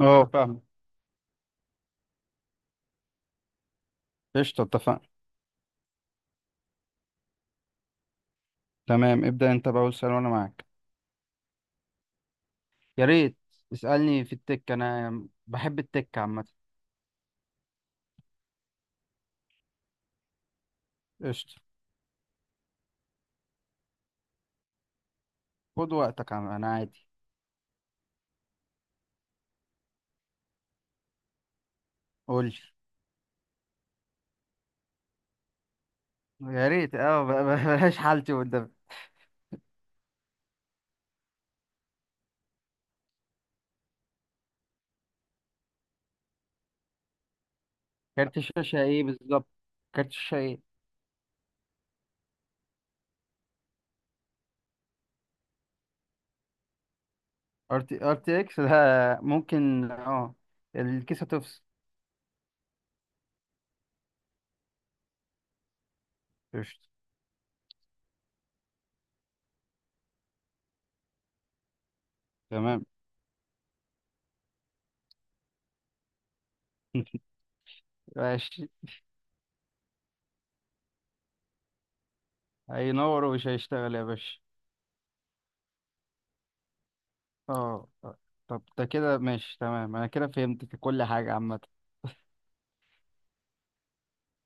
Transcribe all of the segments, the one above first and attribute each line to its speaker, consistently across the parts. Speaker 1: اه، فاهم. قشطة، اتفقنا. تمام، ابدأ انت بقى سؤال وانا معاك. يا ريت. اسألني في التك، انا بحب التك عامة. قشطة. خد وقتك، انا عادي. قول لي. يا ريت. بلاش حالتي قدام. كارت الشاشة ايه بالظبط؟ كارت الشاشة ايه؟ ار تي اكس ده ممكن. اه الكيسة تفصل. قشطة. تمام. ماشي. هينور ومش هيشتغل يا باشا. اه آه. طب ده كده ماشي تمام، انا كده فهمت كل حاجة عامة.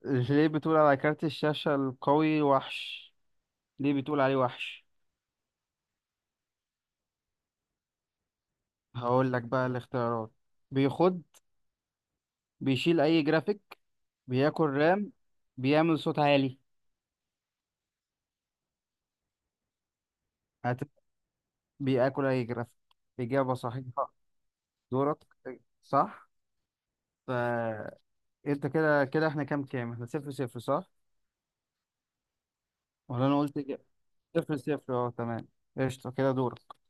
Speaker 1: ليه بتقول على كارت الشاشة القوي وحش؟ ليه بتقول عليه وحش؟ هقول لك بقى الاختيارات. بيخد. بيشيل اي جرافيك. بياكل رام. بيعمل صوت عالي. هت... بياكل اي جرافيك. اجابة صحيحة. دورك. صح. فانت. كده كده احنا كام كام احنا صفر صفر صح. ولا انا قلت إجابة؟ صفر صفر، اه، تمام. قشطة كده دورك.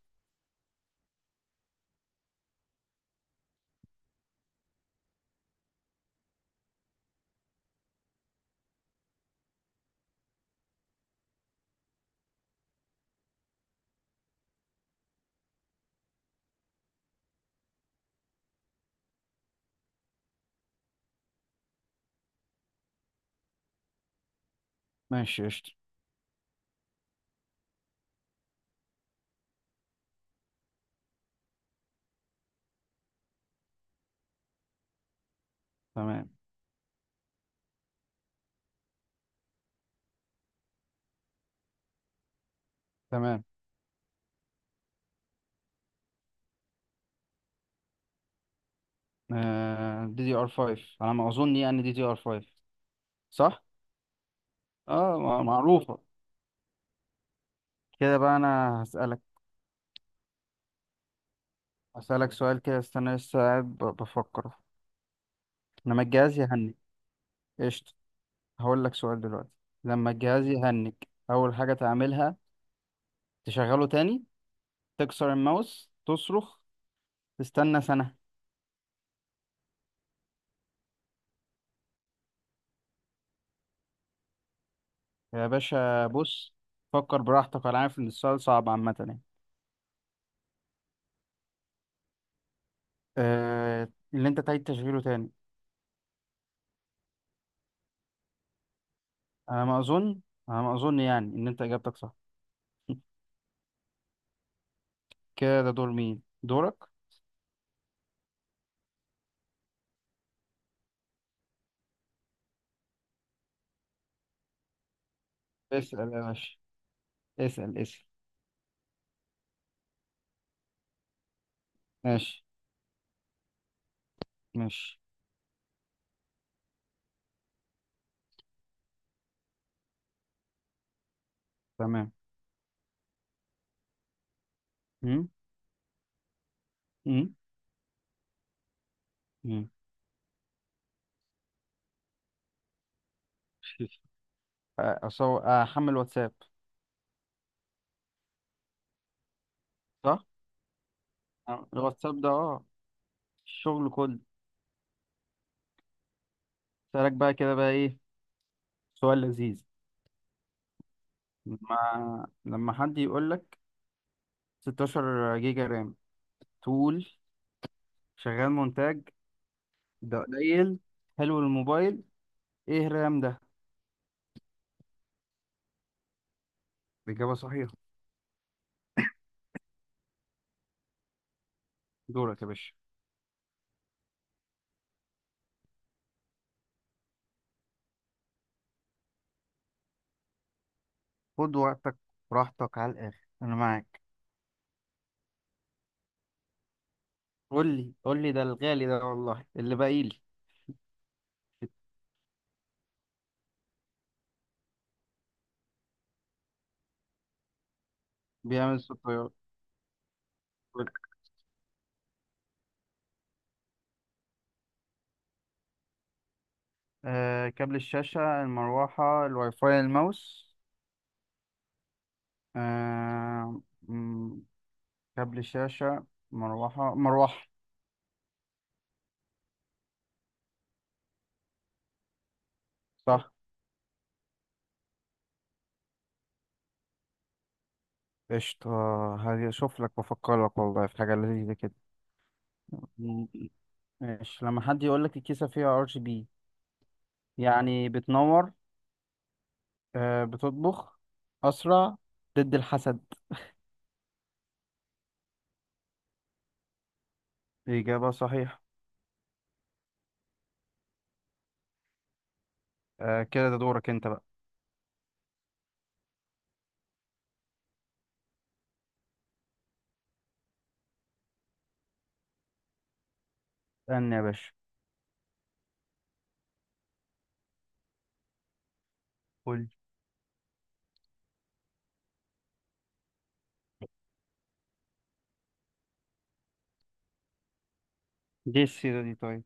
Speaker 1: ماشي. قشطة. تمام تمام. دي دي ار 5 على ما اظن، يعني دي دي ار 5. صح. معروفة. كده بقى انا هسألك سؤال كده، استنى لسه قاعد بفكر. لما الجهاز يهنج. قشطة. هقول لك سؤال دلوقتي. لما الجهاز يهنج، اول حاجة تعملها؟ تشغله تاني. تكسر الماوس، تصرخ. تستنى سنة. يا باشا بص. فكر براحتك، انا عارف ان السؤال صعب عامة يعني. آه، اللي انت تعيد تشغيله تاني. انا ما اظن انا ما اظن يعني ان انت اجابتك صح. كده ده دور مين؟ دورك. اسأل يا باشا. اسأل اسأل. ماشي. ماشي. تمام. امم امم امم اصل هو احمل واتساب. صح. الواتساب ده، الشغل كله. سألك بقى كده بقى ايه؟ سؤال لذيذ. لما حد يقول لك 16 جيجا رام تقول شغال مونتاج. ده قليل. حلو الموبايل. ايه الرام ده؟ الإجابة صحيحة. دورك يا باشا. خد وقتك. براحتك على الآخر، أنا معاك. قول لي قول لي، ده الغالي ده والله اللي باقي لي. بيعمل ستة. كابل الشاشة، المروحة، الواي فاي، الماوس. آه، مم، كابل الشاشة. مروحة مروحة. صح. قشطة. هشوف لك وأفكر لك والله في حاجة لذيذة كده. مم. ماشي. لما حد يقول لك الكيسة فيها ار جي بي، يعني بتنور؟ بتطبخ؟ أسرع؟ ضد الحسد؟ إجابة صحيحة. كده ده دورك أنت بقى. استنى يا باشا. قول لي. دي السيرة دي طيب.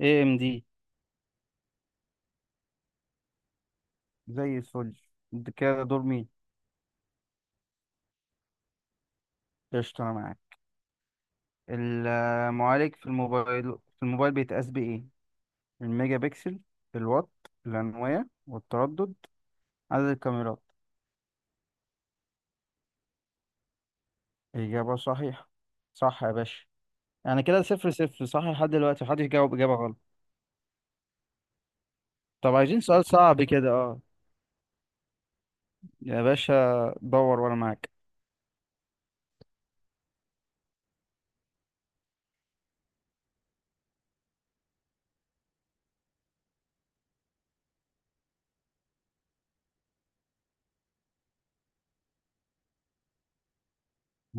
Speaker 1: اي ام دي. زي الفل. ده كده دور مين؟ قشطة أنا معاك. المعالج في الموبايل بيتقاس بإيه؟ الميجا بكسل. الوات. الأنوية والتردد. عدد الكاميرات. إجابة صحيحة. صح يا باشا. يعني كده صفر صفر، صح، لحد دلوقتي محدش جاوب إجابة غلط. طب عايزين سؤال صعب كده، يا باشا دور وأنا معاك.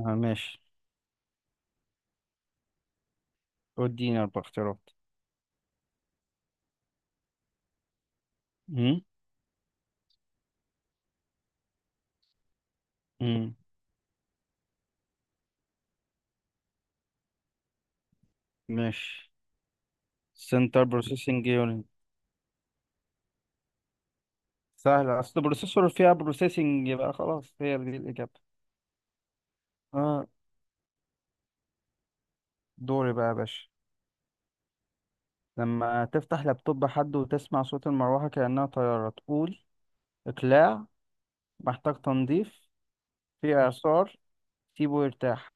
Speaker 1: ماشي. اديني أربع اختيارات. مم؟ مم. ماشي. سنتر بروسيسنج يونت. سهلة، أصل بروسيسور فيها بروسيسنج يبقى خلاص هي دي الإجابة. اه. دوري بقى يا باشا. لما تفتح لابتوب حد وتسمع صوت المروحة كأنها طيارة تقول؟ إقلاع. محتاج تنظيف. في إعصار. سيبه يرتاح.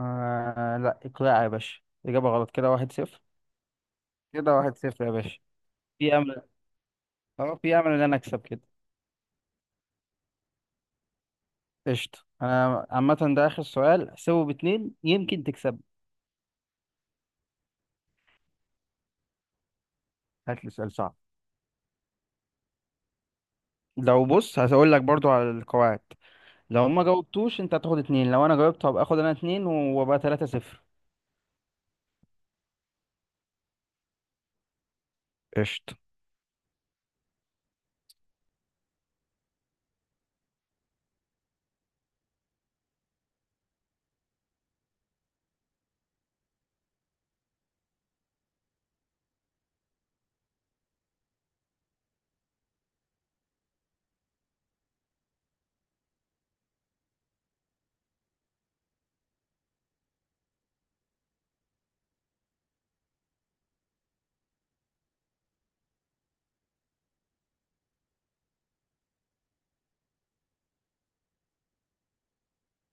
Speaker 1: لا، إقلاع يا باشا، إجابة غلط. كده واحد صفر. كده واحد صفر يا باشا. في أمل. في أمل إن أنا أكسب كده. قشطة أنا عامة، ده آخر سؤال، سيبه باتنين يمكن تكسب. هات لي سؤال صعب. لو بص هقول لك برضو على القواعد. لو ما جاوبتوش أنت هتاخد اتنين، لو أنا جاوبت هبقى آخد أنا اتنين وأبقى تلاتة صفر. قشطة.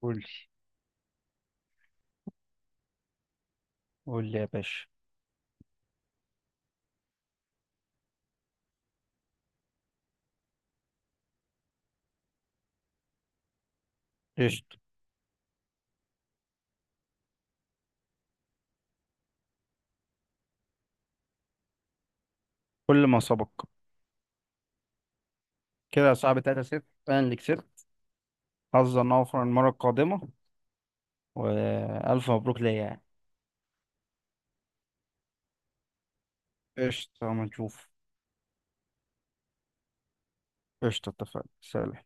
Speaker 1: قول لي. قول لي يا باشا. قشطة. كل ما سبق. كده يا صاحبي 3-0، انا اللي كسبت. حظا اوفر المرة القادمة. والف مبروك ليا يعني. قشطة، اما نشوف. قشطة اتفقنا، سلام.